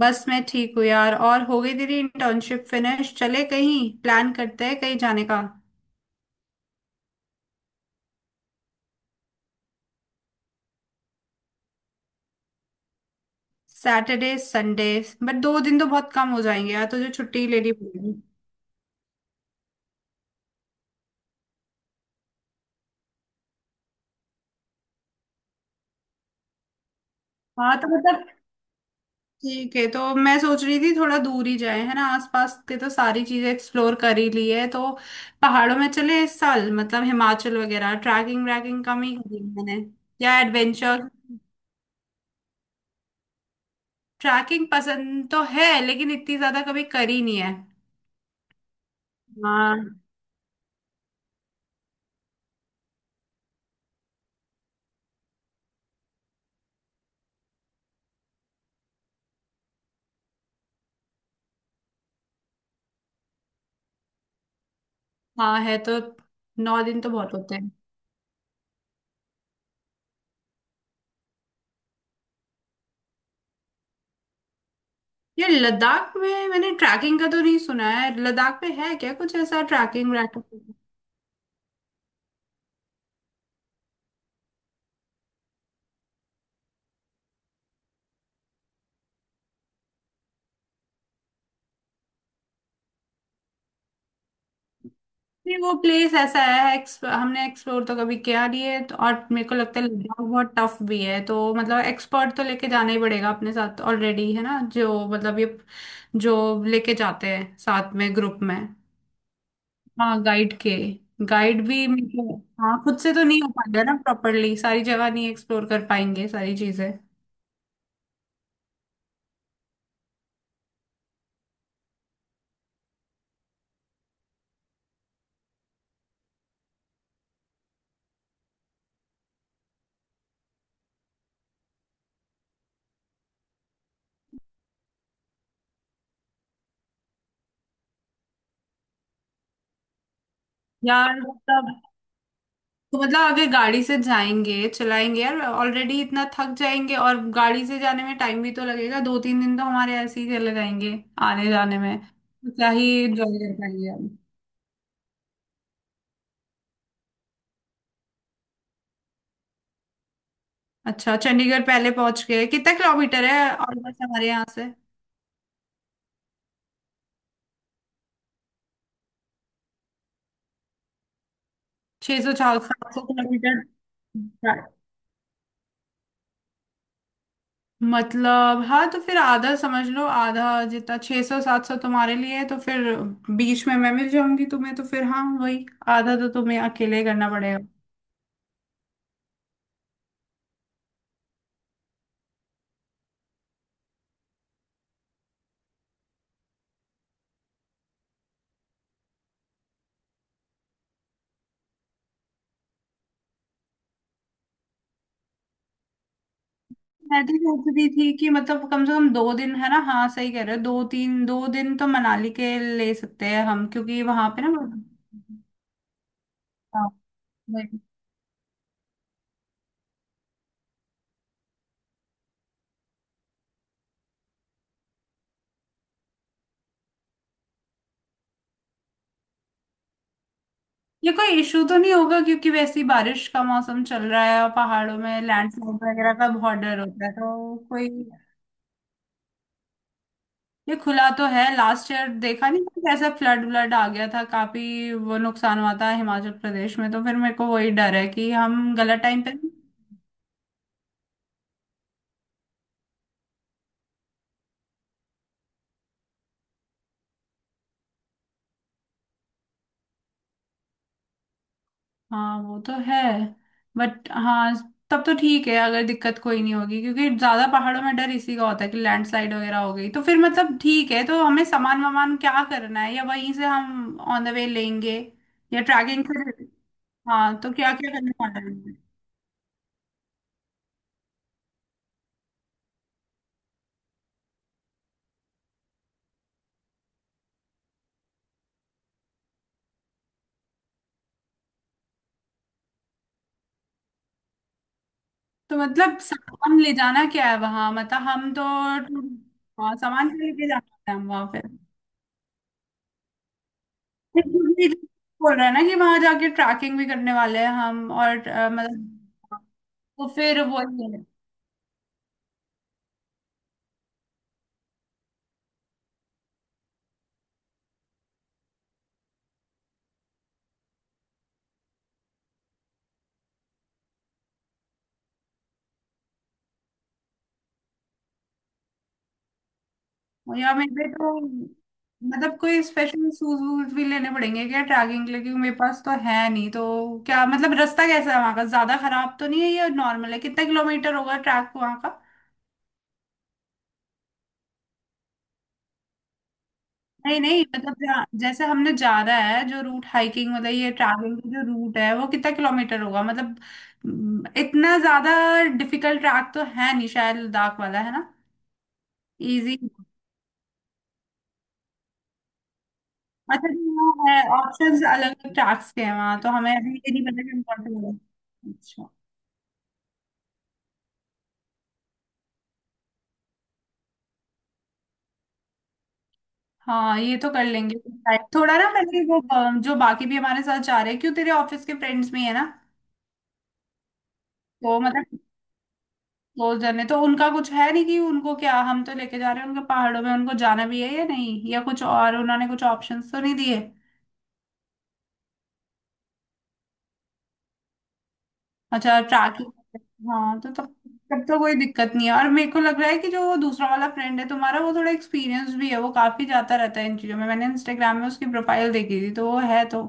बस मैं ठीक हूँ यार। और हो गई तेरी इंटर्नशिप फिनिश? चले कहीं प्लान करते हैं कहीं जाने का। सैटरडे संडे बट दो दिन तो बहुत कम हो जाएंगे यार, तुझे छुट्टी लेनी पड़ेगी। हाँ तो मतलब ठीक है, तो मैं सोच रही थी थोड़ा दूर ही जाए, है ना। आसपास के तो सारी चीजें एक्सप्लोर कर ही ली है, तो पहाड़ों में चले इस साल, मतलब हिमाचल वगैरह। ट्रैकिंग व्रैकिंग कम ही करी है मैंने, या एडवेंचर। ट्रैकिंग पसंद तो है लेकिन इतनी ज्यादा कभी करी नहीं है। हाँ हाँ, है तो। 9 दिन तो बहुत होते हैं। ये लद्दाख में मैंने ट्रैकिंग का तो नहीं सुना है, लद्दाख में है क्या कुछ ऐसा ट्रैकिंग व्रैकिंग? नहीं, वो प्लेस ऐसा है हमने एक्सप्लोर तो कभी किया नहीं है तो, और मेरे को लगता है लद्दाख बहुत टफ भी है, तो मतलब एक्सपर्ट तो लेके जाना ही पड़ेगा अपने साथ ऑलरेडी, है ना, जो मतलब ये जो लेके जाते हैं साथ में ग्रुप में। हाँ गाइड के, गाइड भी मेरे को- हाँ खुद से तो नहीं हो पाएगा ना प्रॉपरली, सारी जगह नहीं एक्सप्लोर कर पाएंगे सारी चीजें। यार तब तो मतलब आगे गाड़ी से जाएंगे, चलाएंगे यार ऑलरेडी इतना थक जाएंगे, और गाड़ी से जाने में टाइम भी तो लगेगा, 2, 3 दिन तो हमारे ऐसे ही चले जाएंगे आने जाने में, तो क्या ही एंजॉय कर पाएंगे हम। अच्छा चंडीगढ़ पहले पहुंच गए? कितना किलोमीटर है? और बस हमारे यहाँ से 600, 700 किलोमीटर? मतलब हाँ, तो फिर आधा समझ लो, आधा जितना 600, 700 तुम्हारे लिए है तो फिर बीच में मैं मिल जाऊंगी तुम्हें, तो फिर हाँ वही, आधा तो तुम्हें अकेले ही करना पड़ेगा। मैं भी सोच रही थी कि मतलब कम से कम 2 दिन, है ना, हाँ सही कह रहे हो, 2, 3, 2 दिन तो मनाली के ले सकते हैं हम, क्योंकि वहां पे ना। हाँ। वही। ये कोई इशू तो नहीं होगा? क्योंकि वैसे ही बारिश का मौसम चल रहा है और पहाड़ों में लैंडस्लाइड वगैरह का बहुत डर होता है, तो कोई? ये खुला तो है, लास्ट ईयर देखा नहीं था कैसा फ्लड व्लड आ गया था, काफी वो नुकसान हुआ था हिमाचल प्रदेश में, तो फिर मेरे को वही डर है कि हम गलत टाइम पे। हाँ वो तो है। बट हाँ, तब तो ठीक है अगर दिक्कत कोई नहीं होगी, क्योंकि ज्यादा पहाड़ों में डर इसी का होता है कि लैंडस्लाइड वगैरह हो गई तो। फिर मतलब ठीक है, तो हमें सामान वामान क्या करना है, या वहीं से हम ऑन द वे लेंगे या ट्रैकिंग से? हाँ तो क्या क्या करने वाला है? तो मतलब सामान ले जाना क्या है वहां, मतलब हम तो, हाँ सामान क्या लेके जाना है हम वहां पे? ये बोल रहा है ना कि वहां जाके ट्रैकिंग भी करने वाले हैं हम, और मतलब तो फिर वो और या मेरे तो मतलब कोई स्पेशल शूज वूज भी लेने पड़ेंगे क्या ट्रैकिंग के लिए? क्योंकि मेरे पास तो है नहीं तो। क्या मतलब रास्ता कैसा है वहाँ का, ज्यादा खराब तो नहीं है या नॉर्मल है? कितना किलोमीटर होगा ट्रैक वहाँ का? नहीं नहीं, मतलब जैसे हमने जा रहा है जो रूट, हाइकिंग मतलब ये ट्रैकिंग का जो रूट है वो कितना किलोमीटर होगा मतलब? इतना ज्यादा डिफिकल्ट ट्रैक तो है नहीं शायद, लद्दाख वाला है ना। इजी। अच्छा जी, हाँ है, ऑप्शंस अलग अलग ट्रैक्स के हैं वहाँ तो। हमें अभी ये नहीं पता कि हम कौन सा लेंगे। हाँ ये तो कर लेंगे। थोड़ा ना मैंने वो, जो बाकी भी हमारे साथ जा रहे हैं, क्यों तेरे ऑफिस के फ्रेंड्स में है ना, तो मतलब क्लोज जन है तो उनका कुछ है नहीं, कि उनको क्या हम तो लेके जा रहे हैं उनके पहाड़ों में, उनको जाना भी है या नहीं, या कुछ और, उन्होंने कुछ ऑप्शंस तो नहीं दिए? अच्छा ट्रैकिंग, हाँ तो तब तब तो कोई दिक्कत नहीं है। और मेरे को लग रहा है कि जो वो दूसरा वाला फ्रेंड है तुम्हारा, वो थोड़ा एक्सपीरियंस भी है, वो काफी जाता रहता है इन चीजों में, मैंने इंस्टाग्राम में उसकी प्रोफाइल देखी थी, तो वो है तो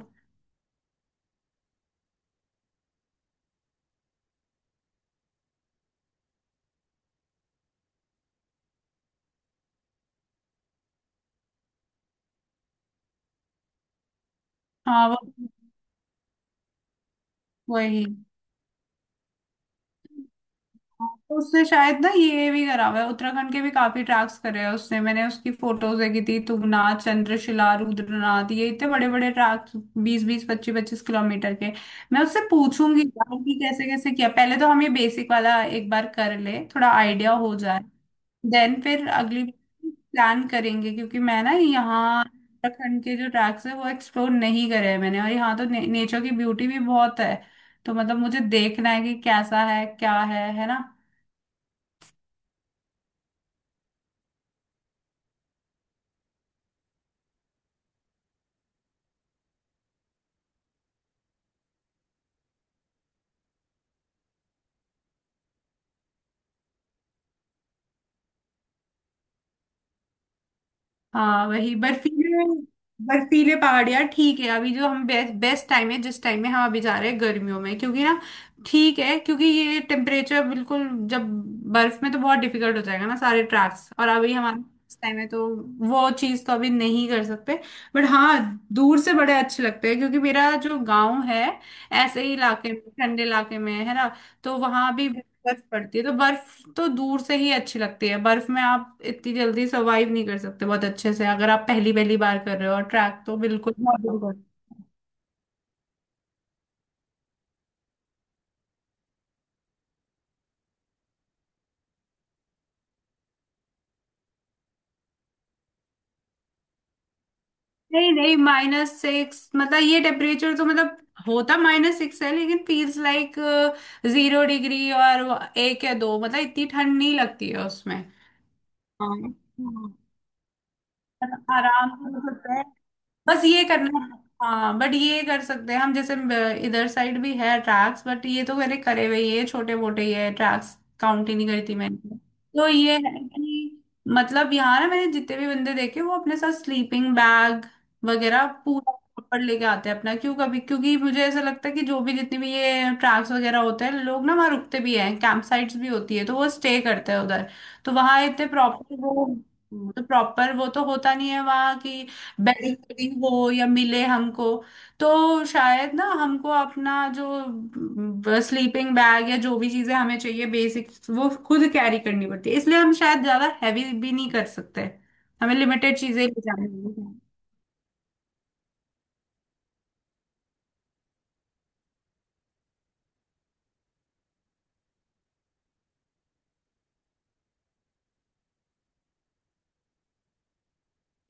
हाँ वो वही। तो उससे शायद ना, ये भी करा हुआ है, उत्तराखंड के भी काफी ट्रैक्स करे हैं उसने, मैंने उसकी फोटोज देखी थी, तुंगनाथ, चंद्रशिला, रुद्रनाथ, ये इतने बड़े बड़े ट्रैक्स, 20, 20, 25, 25 किलोमीटर के। मैं उससे पूछूंगी यार कि कैसे कैसे किया, पहले तो हम ये बेसिक वाला एक बार कर ले, थोड़ा आइडिया हो जाए, देन फिर अगली प्लान करेंगे, क्योंकि मैं ना यहाँ उत्तराखंड के जो ट्रैक्स है वो एक्सप्लोर नहीं करे हैं मैंने, और यहाँ तो नेचर की ब्यूटी भी बहुत है, तो मतलब मुझे देखना है कि कैसा है क्या है ना। हाँ वही बर्फीले, बर्फीले पहाड़ यार ठीक है, अभी जो हम बेस्ट बेस्ट टाइम है जिस टाइम में हम अभी जा रहे हैं गर्मियों में, क्योंकि ना ठीक है, क्योंकि ये टेम्परेचर बिल्कुल, जब बर्फ में तो बहुत डिफिकल्ट हो जाएगा ना सारे ट्रैक्स, और अभी हमारा टाइम है तो वो चीज़ तो अभी नहीं कर सकते। बट हाँ दूर से बड़े अच्छे लगते हैं, क्योंकि मेरा जो गांव है ऐसे ही इलाके में, ठंडे इलाके में है ना, तो वहां भी बर्फ पड़ती है, तो बर्फ तो दूर से ही अच्छी लगती है, बर्फ में आप इतनी जल्दी सर्वाइव नहीं कर सकते बहुत अच्छे से, अगर आप पहली पहली बार कर रहे हो, और ट्रैक तो बिल्कुल नहीं नहीं -6, मतलब ये टेम्परेचर तो मतलब, होता -6 है लेकिन फील्स लाइक 0 डिग्री और 1 या 2, मतलब इतनी ठंड नहीं लगती है उसमें। हाँ आराम से हो सकता है, बस ये करना है। हाँ बट ये कर सकते हैं हम, जैसे इधर साइड भी है ट्रैक्स, बट ये तो मेरे करे हुए ये छोटे मोटे ही है, ट्रैक्स काउंट ही नहीं करी थी मैंने। तो ये है कि मतलब यहाँ ना मैंने जितने भी बंदे देखे, वो अपने साथ स्लीपिंग बैग वगैरह पूरा प्रॉपर लेके आते हैं अपना, क्यों कभी, क्योंकि मुझे ऐसा लगता है कि जो भी जितनी भी ये ट्रैक्स वगैरह होते हैं, लोग ना वहाँ रुकते भी हैं, कैंप साइट्स भी होती है तो वो स्टे करते हैं उधर, तो वहाँ इतने प्रॉपर वो तो प्रॉपर वो तो होता नहीं है वहाँ की बेडिंग वेडिंग हो या मिले हमको, तो शायद ना हमको अपना जो स्लीपिंग बैग या जो भी चीजें हमें चाहिए बेसिक, वो खुद कैरी करनी पड़ती है, इसलिए हम शायद ज्यादा हैवी भी नहीं कर सकते, हमें लिमिटेड चीजें ले जानी होंगी।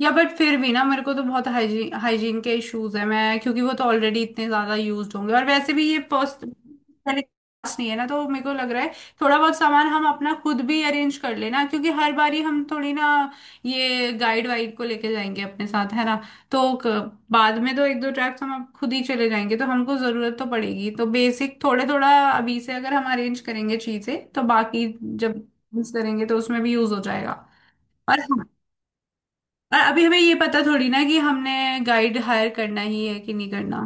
या बट फिर भी ना, मेरे को तो बहुत हाइजीन, हाइजीन के इश्यूज है, मैं क्योंकि वो तो ऑलरेडी इतने ज्यादा यूज्ड होंगे, और वैसे भी ये पर्स पहले class नहीं है ना, तो मेरे को लग रहा है थोड़ा बहुत सामान हम अपना खुद भी अरेंज कर लेना, क्योंकि हर बारी हम थोड़ी ना ये गाइड वाइड को लेके जाएंगे अपने साथ, है ना, तो बाद में तो 1, 2 ट्रैक्स हम अब खुद ही चले जाएंगे तो हमको जरूरत तो पड़ेगी, तो बेसिक थोड़े थोड़ा अभी से अगर हम अरेंज करेंगे चीजें, तो बाकी जब यूज करेंगे तो उसमें भी यूज हो जाएगा। और अभी हमें ये पता थोड़ी ना कि हमने गाइड हायर करना ही है कि नहीं करना।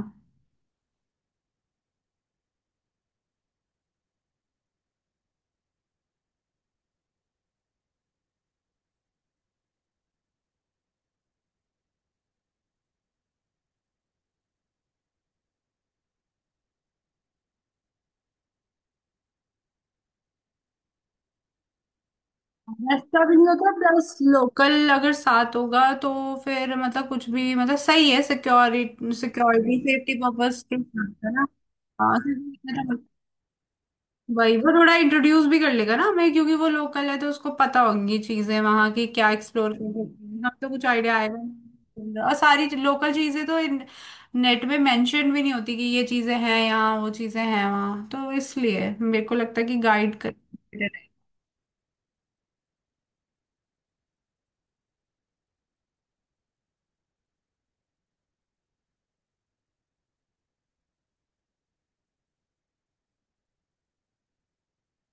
रास्ता भी नहीं होता, प्लस लोकल अगर साथ होगा तो फिर मतलब कुछ भी, मतलब सही है, सिक्योरिटी, सिक्योरिटी सेफ्टी पर्पस के साथ, है ना। हाँ वही, वो थोड़ा इंट्रोड्यूस भी कर लेगा ना हमें, क्योंकि वो लोकल है तो उसको पता होंगी चीजें वहां की, क्या एक्सप्लोर कर सकते हैं हम तो कुछ आइडिया आएगा। नहीं, और सारी लोकल चीजें तो नेट में मेंशन भी नहीं होती कि ये चीजें हैं यहाँ, वो चीजें हैं वहाँ, तो इसलिए मेरे को लगता है कि गाइड कर।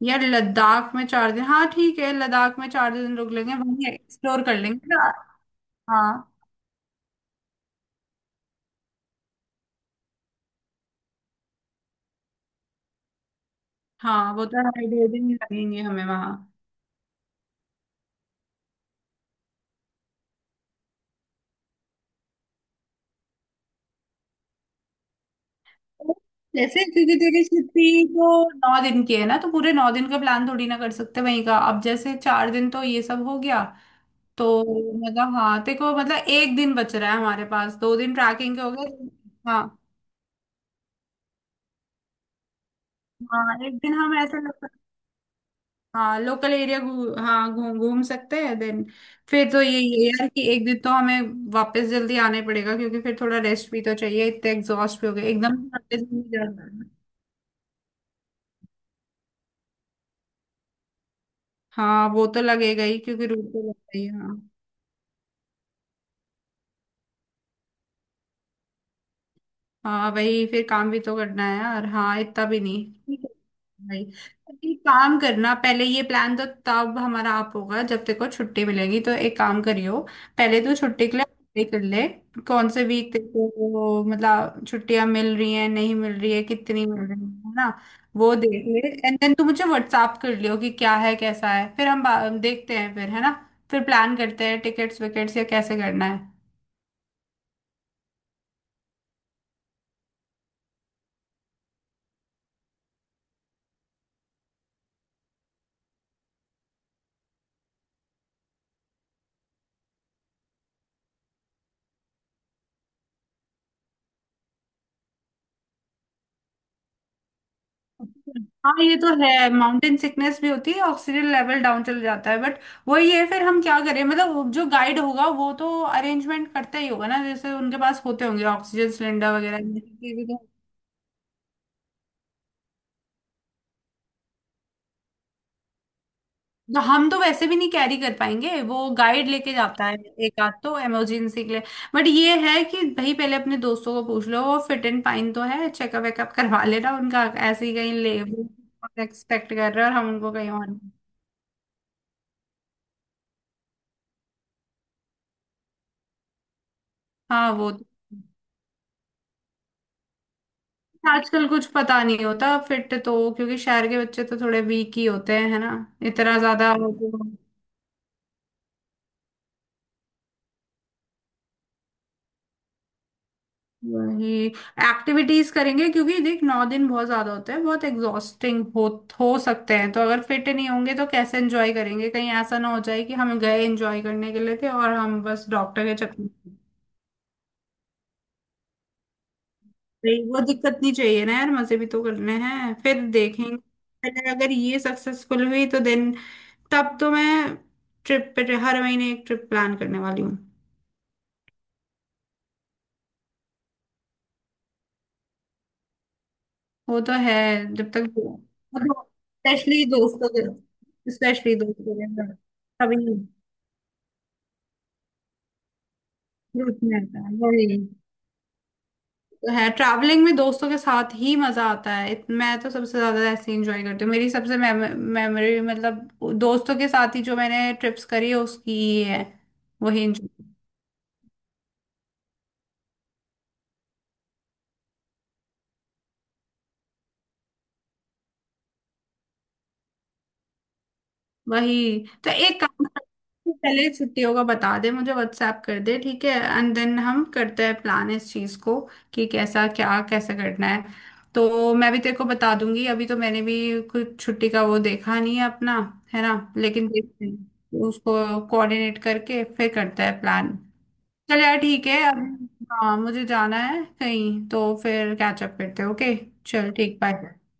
यार लद्दाख में 4 दिन, हाँ ठीक है, लद्दाख में 4 दिन रुक लेंगे, वहीं एक्सप्लोर कर लेंगे। हाँ हाँ, वो तो 2.5, 2 दिन ही लगेंगे हमें वहाँ। जैसे क्योंकि तेरी छुट्टी तो 9 दिन की है ना, तो पूरे 9 दिन का प्लान थोड़ी ना कर सकते वहीं का, अब जैसे 4 दिन तो ये सब हो गया, तो मतलब हाँ तेरे को, मतलब 1 दिन बच रहा है हमारे पास, 2 दिन ट्रैकिंग के हो गए। हाँ हाँ, 1 दिन हम ऐसे लोकल, हाँ लोकल एरिया हाँ घूम घूम सकते हैं देन। फिर तो यही है यार कि 1 दिन तो हमें वापस जल्दी आने पड़ेगा, क्योंकि फिर थोड़ा रेस्ट भी तो चाहिए, इतने एग्जॉस्ट भी हो गए, एकदम से अगले दिन नहीं जाना है। हाँ वो तो लगेगा ही क्योंकि रूट तो लगता ही है, हाँ। हाँ वही, फिर काम भी तो करना है यार, हाँ इतना भी नहीं, ठीक है। भाई तो एक काम करना, पहले ये प्लान तो तब हमारा आप होगा जब तेरे को छुट्टी मिलेगी, तो एक काम करियो, पहले तो छुट्टी के लिए apply कर ले, कौन से वीक तेरे को मतलब छुट्टियां मिल रही हैं, नहीं मिल रही है, कितनी मिल रही है ना। वो देख ले एंड देन तू मुझे व्हाट्सअप कर लियो कि क्या है कैसा है, फिर हम देखते हैं फिर, है ना। फिर प्लान करते हैं टिकट्स विकेट्स या कैसे करना है। हाँ ये तो है, माउंटेन सिकनेस भी होती है, ऑक्सीजन लेवल डाउन चल जाता है, बट वही है, फिर हम क्या करें, मतलब वो जो गाइड होगा वो तो अरेंजमेंट करता ही होगा ना, जैसे उनके पास होते होंगे ऑक्सीजन सिलेंडर वगैरह ये सब चीजें तो। तो हम तो वैसे भी नहीं कैरी कर पाएंगे, वो गाइड लेके जाता है एक आध तो इमरजेंसी के लिए। बट ये है कि भाई पहले अपने दोस्तों को पूछ लो वो फिट एंड फाइन तो है, चेकअप वेकअप करवा लेना उनका, ऐसे ही कहीं ले एक्सपेक्ट कर रहे हैं और हम उनको कहीं और। हाँ वो तो, आजकल कुछ पता नहीं होता फिट तो, क्योंकि शहर के बच्चे तो थोड़े वीक ही होते हैं, है ना। इतना ज्यादा वही एक्टिविटीज करेंगे, क्योंकि देख 9 दिन बहुत ज्यादा होते हैं, बहुत एग्जॉस्टिंग हो सकते हैं, तो अगर फिट नहीं होंगे तो कैसे एंजॉय करेंगे, कहीं ऐसा ना हो जाए कि हम गए एंजॉय करने के लिए थे और हम बस डॉक्टर के चक्कर में। नहीं, वो दिक्कत नहीं चाहिए ना यार, मजे भी तो करने हैं। फिर देखेंगे पहले अगर ये सक्सेसफुल हुई तो देन तब तो मैं ट्रिप पे हर महीने एक ट्रिप प्लान करने वाली हूँ। वो तो है जब तक। स्पेशली दोस्तों के, स्पेशली दोस्तों के साथ, कभी ग्रुप में आता है वही तो है, ट्रैवलिंग में दोस्तों के साथ ही मजा आता है, मैं तो सबसे ज्यादा ऐसे इंजॉय करती हूँ, मेरी सबसे मेमोरी मतलब दोस्तों के साथ ही जो मैंने ट्रिप्स करी है उसकी ही है। वही enjoy। वही। तो एक काम करते हैं, पहले छुट्टियों का बता दे, मुझे व्हाट्सएप कर दे ठीक है, एंड देन हम करते हैं प्लान इस चीज को कि कैसा क्या कैसे करना है। तो मैं भी तेरे को बता दूंगी, अभी तो मैंने भी कुछ छुट्टी का वो देखा नहीं है अपना, है ना, लेकिन देखते हैं उसको कोऑर्डिनेट करके फिर करते हैं प्लान। चल यार ठीक है अब। हाँ मुझे जाना है कहीं, तो फिर कैचअप करते हैं, ओके। चल ठीक बाय।